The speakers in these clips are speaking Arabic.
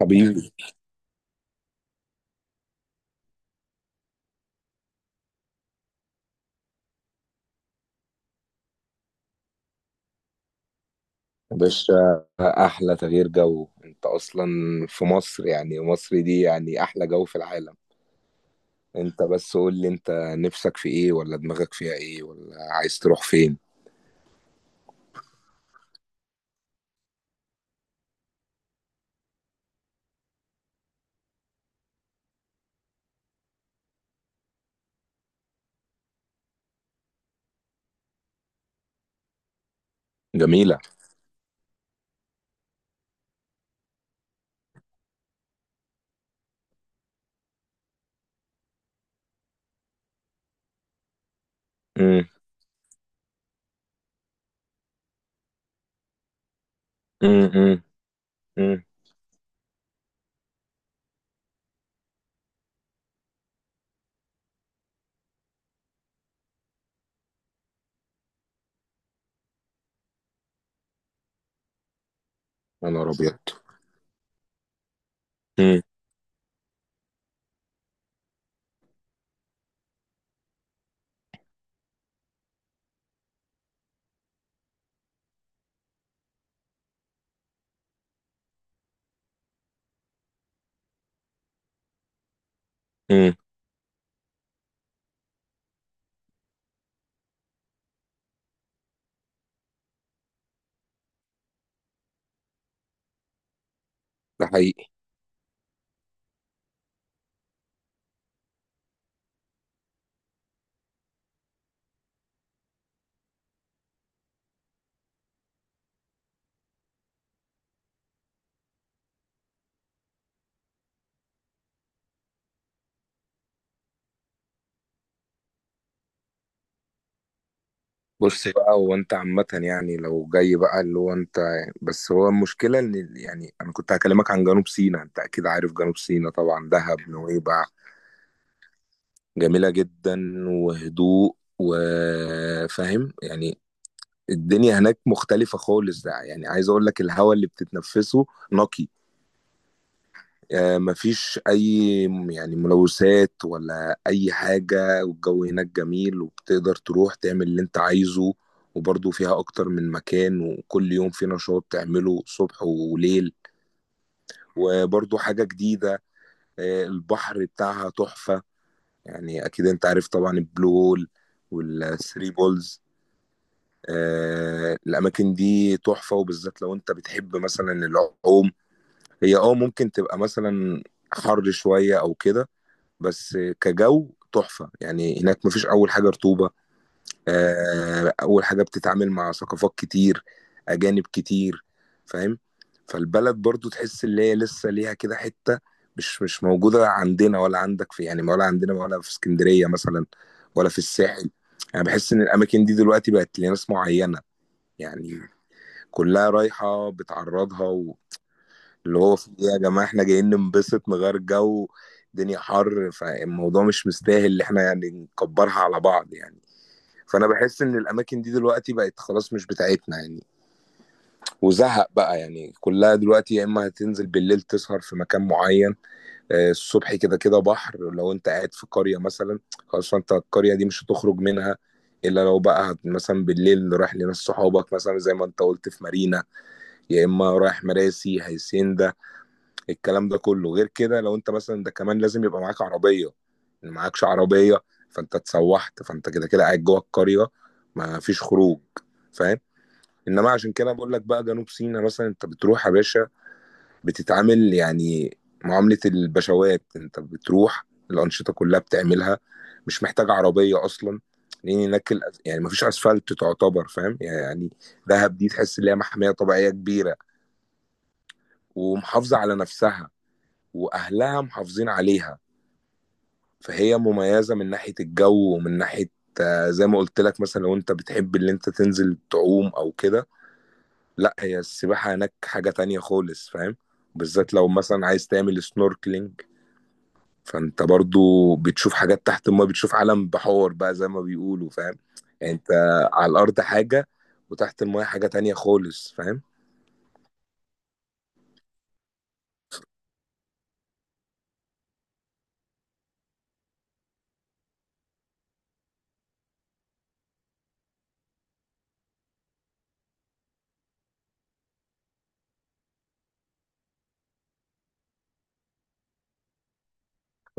حبيبي. يا باشا احلى تغيير جو انت اصلا في مصر، يعني مصر دي يعني احلى جو في العالم. انت بس قول لي انت نفسك في ايه، ولا دماغك فيها ايه، ولا عايز تروح فين؟ جميلة. امم امم امم امم. يا نهار ابيض. امم امم. ده حقيقي. بص بقى، هو انت عامة يعني لو جاي بقى اللي هو انت، بس هو المشكلة ان يعني انا كنت هكلمك عن جنوب سيناء، انت اكيد عارف جنوب سيناء طبعا، دهب، نويبع. جميلة جدا، وهدوء، وفاهم يعني. الدنيا هناك مختلفة خالص، ده يعني عايز اقول لك الهواء اللي بتتنفسه نقي. مفيش اي يعني ملوثات ولا اي حاجة، والجو هناك جميل، وبتقدر تروح تعمل اللي انت عايزه. وبرضه فيها اكتر من مكان، وكل يوم في نشاط تعمله صبح وليل، وبرضه حاجة جديدة. البحر بتاعها تحفة، يعني اكيد انت عارف طبعا البلو هول والثري بولز. الاماكن دي تحفه، وبالذات لو انت بتحب مثلا العوم. هي اه ممكن تبقى مثلا حر شويه او كده، بس كجو تحفه. يعني هناك مفيش، اول حاجه رطوبه. اول حاجه بتتعامل مع ثقافات كتير، اجانب كتير، فاهم. فالبلد برضو تحس اللي هي لسه ليها كده حته مش موجوده عندنا، ولا عندك في يعني، ولا عندنا، ولا في اسكندريه مثلا، ولا في الساحل. يعني بحس ان الاماكن دي دلوقتي بقت لناس معينه يعني، كلها رايحة بتعرضها اللي هو في ايه يا جماعة، احنا جايين ننبسط نغير جو. الدنيا حر، فالموضوع مش مستاهل اللي احنا يعني نكبرها على بعض يعني. فانا بحس ان الاماكن دي دلوقتي بقت خلاص مش بتاعتنا يعني، وزهق بقى يعني، كلها دلوقتي يا اما هتنزل بالليل تسهر في مكان معين. الصبح كده كده بحر، لو انت قاعد في قرية مثلا، خلاص فانت القرية دي مش هتخرج منها، الا لو بقى مثلا بالليل رايح لناس صحابك، مثلا زي ما انت قلت في مارينا، يا اما رايح مراسي، هيسنده. الكلام ده كله غير كده، لو انت مثلا، ده كمان لازم يبقى معاك عربيه. ان معاكش عربيه فانت اتسوحت، فانت كده كده قاعد جوه القريه، ما فيش خروج، فاهم. انما عشان كده بقول لك بقى جنوب سيناء مثلا انت بتروح يا باشا، بتتعامل يعني معامله البشوات. انت بتروح الانشطه كلها بتعملها، مش محتاج عربيه اصلا، لان هناك يعني ما فيش اسفلت تعتبر، فاهم يعني. دهب دي تحس ان هي محميه طبيعيه كبيره، ومحافظة على نفسها، وأهلها محافظين عليها. فهي مميزة من ناحية الجو، ومن ناحية، زي ما قلت لك مثلا، لو انت بتحب اللي انت تنزل تعوم او كده، لا هي السباحة هناك حاجة تانية خالص، فاهم. بالذات لو مثلا عايز تعمل سنوركلينج، فانت برضو بتشوف حاجات تحت الماء، بتشوف عالم بحور بقى زي ما بيقولوا، فاهم. يعني انت على الارض حاجة، وتحت الماء حاجة تانية خالص، فاهم.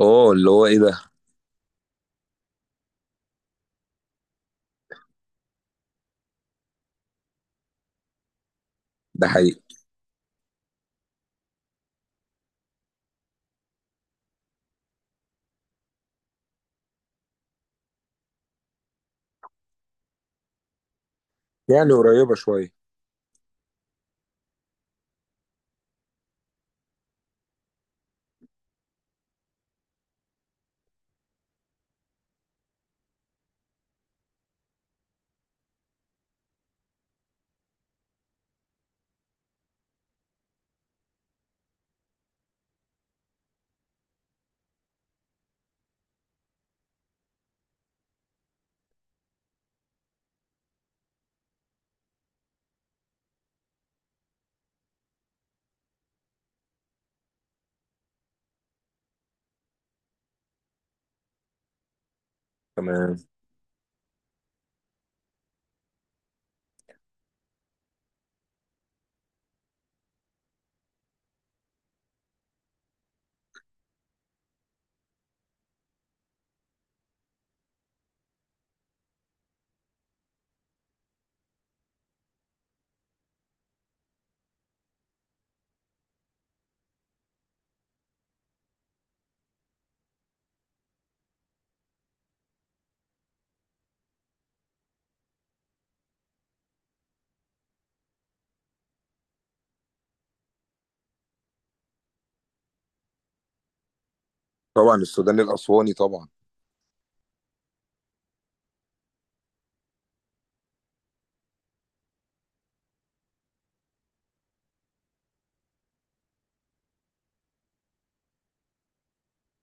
اه، اللي هو ايه ده. ده حقيقي. يعني قريبة شوية. تمام. طبعا السوداني الأسواني طبعا.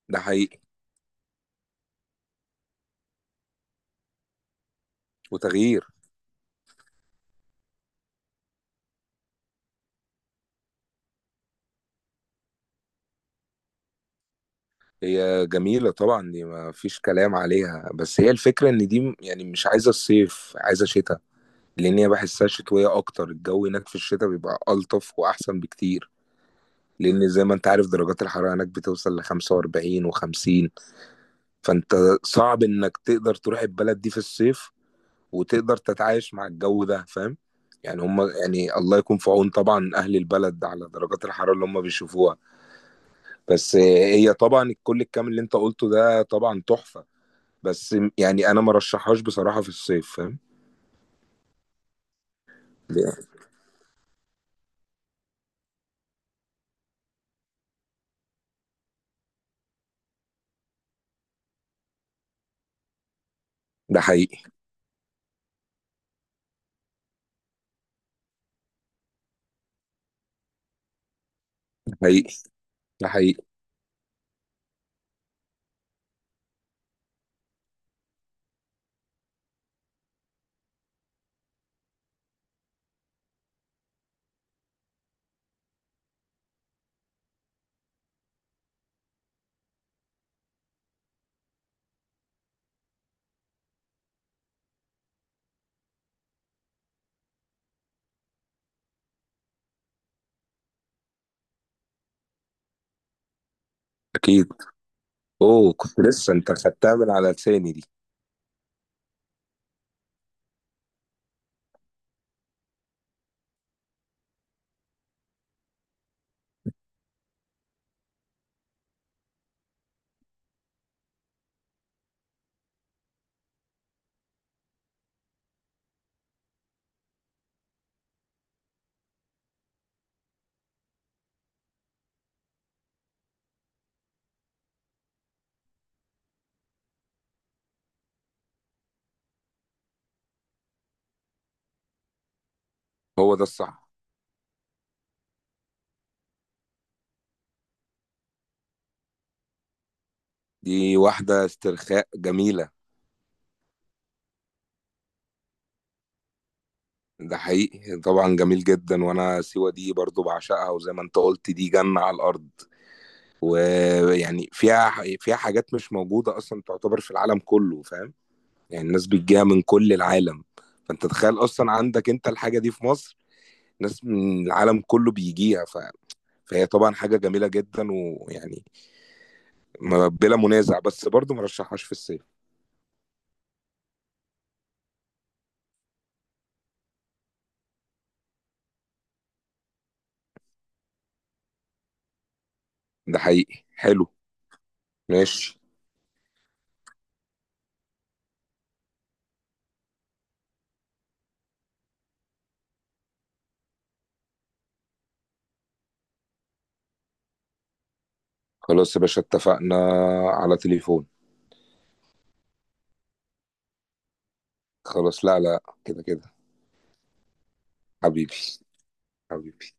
ده حقيقي. وتغيير. هي جميلة طبعا، دي ما فيش كلام عليها، بس هي الفكرة ان دي يعني مش عايزة الصيف، عايزة شتاء. لان هي بحسها شتوية اكتر، الجو هناك في الشتاء بيبقى ألطف واحسن بكتير. لان زي ما انت عارف، درجات الحرارة هناك بتوصل ل 45 و50، فانت صعب انك تقدر تروح البلد دي في الصيف، وتقدر تتعايش مع الجو ده، فاهم. يعني هم، يعني الله يكون في عون طبعا اهل البلد على درجات الحرارة اللي هم بيشوفوها. بس هي طبعا الكل الكامل اللي انت قلته ده طبعا تحفة، بس يعني انا ما رشحهاش بصراحة في الصيف، فاهم. ده ده حقيقي. ده حقيقي. ده حقيقي. اكيد. اوه، كنت لسه انت خدتها من على لساني دي. هو ده الصح. دي واحدة استرخاء جميلة. ده حقيقي طبعا، جميل جدا. وانا سيوة دي برضو بعشقها، وزي ما انت قلت دي جنة على الارض. ويعني فيها حاجات مش موجودة اصلا تعتبر في العالم كله، فاهم. يعني الناس بتجيها من كل العالم، فانت تخيل اصلا عندك انت الحاجه دي في مصر، ناس من العالم كله بيجيها، فهي طبعا حاجه جميله جدا، ويعني بلا منازع، بس برضو مرشحهاش في الصيف. ده حقيقي، حلو. ماشي. خلاص يا باشا اتفقنا، على تليفون. خلاص، لا لا، كده كده. حبيبي. حبيبي.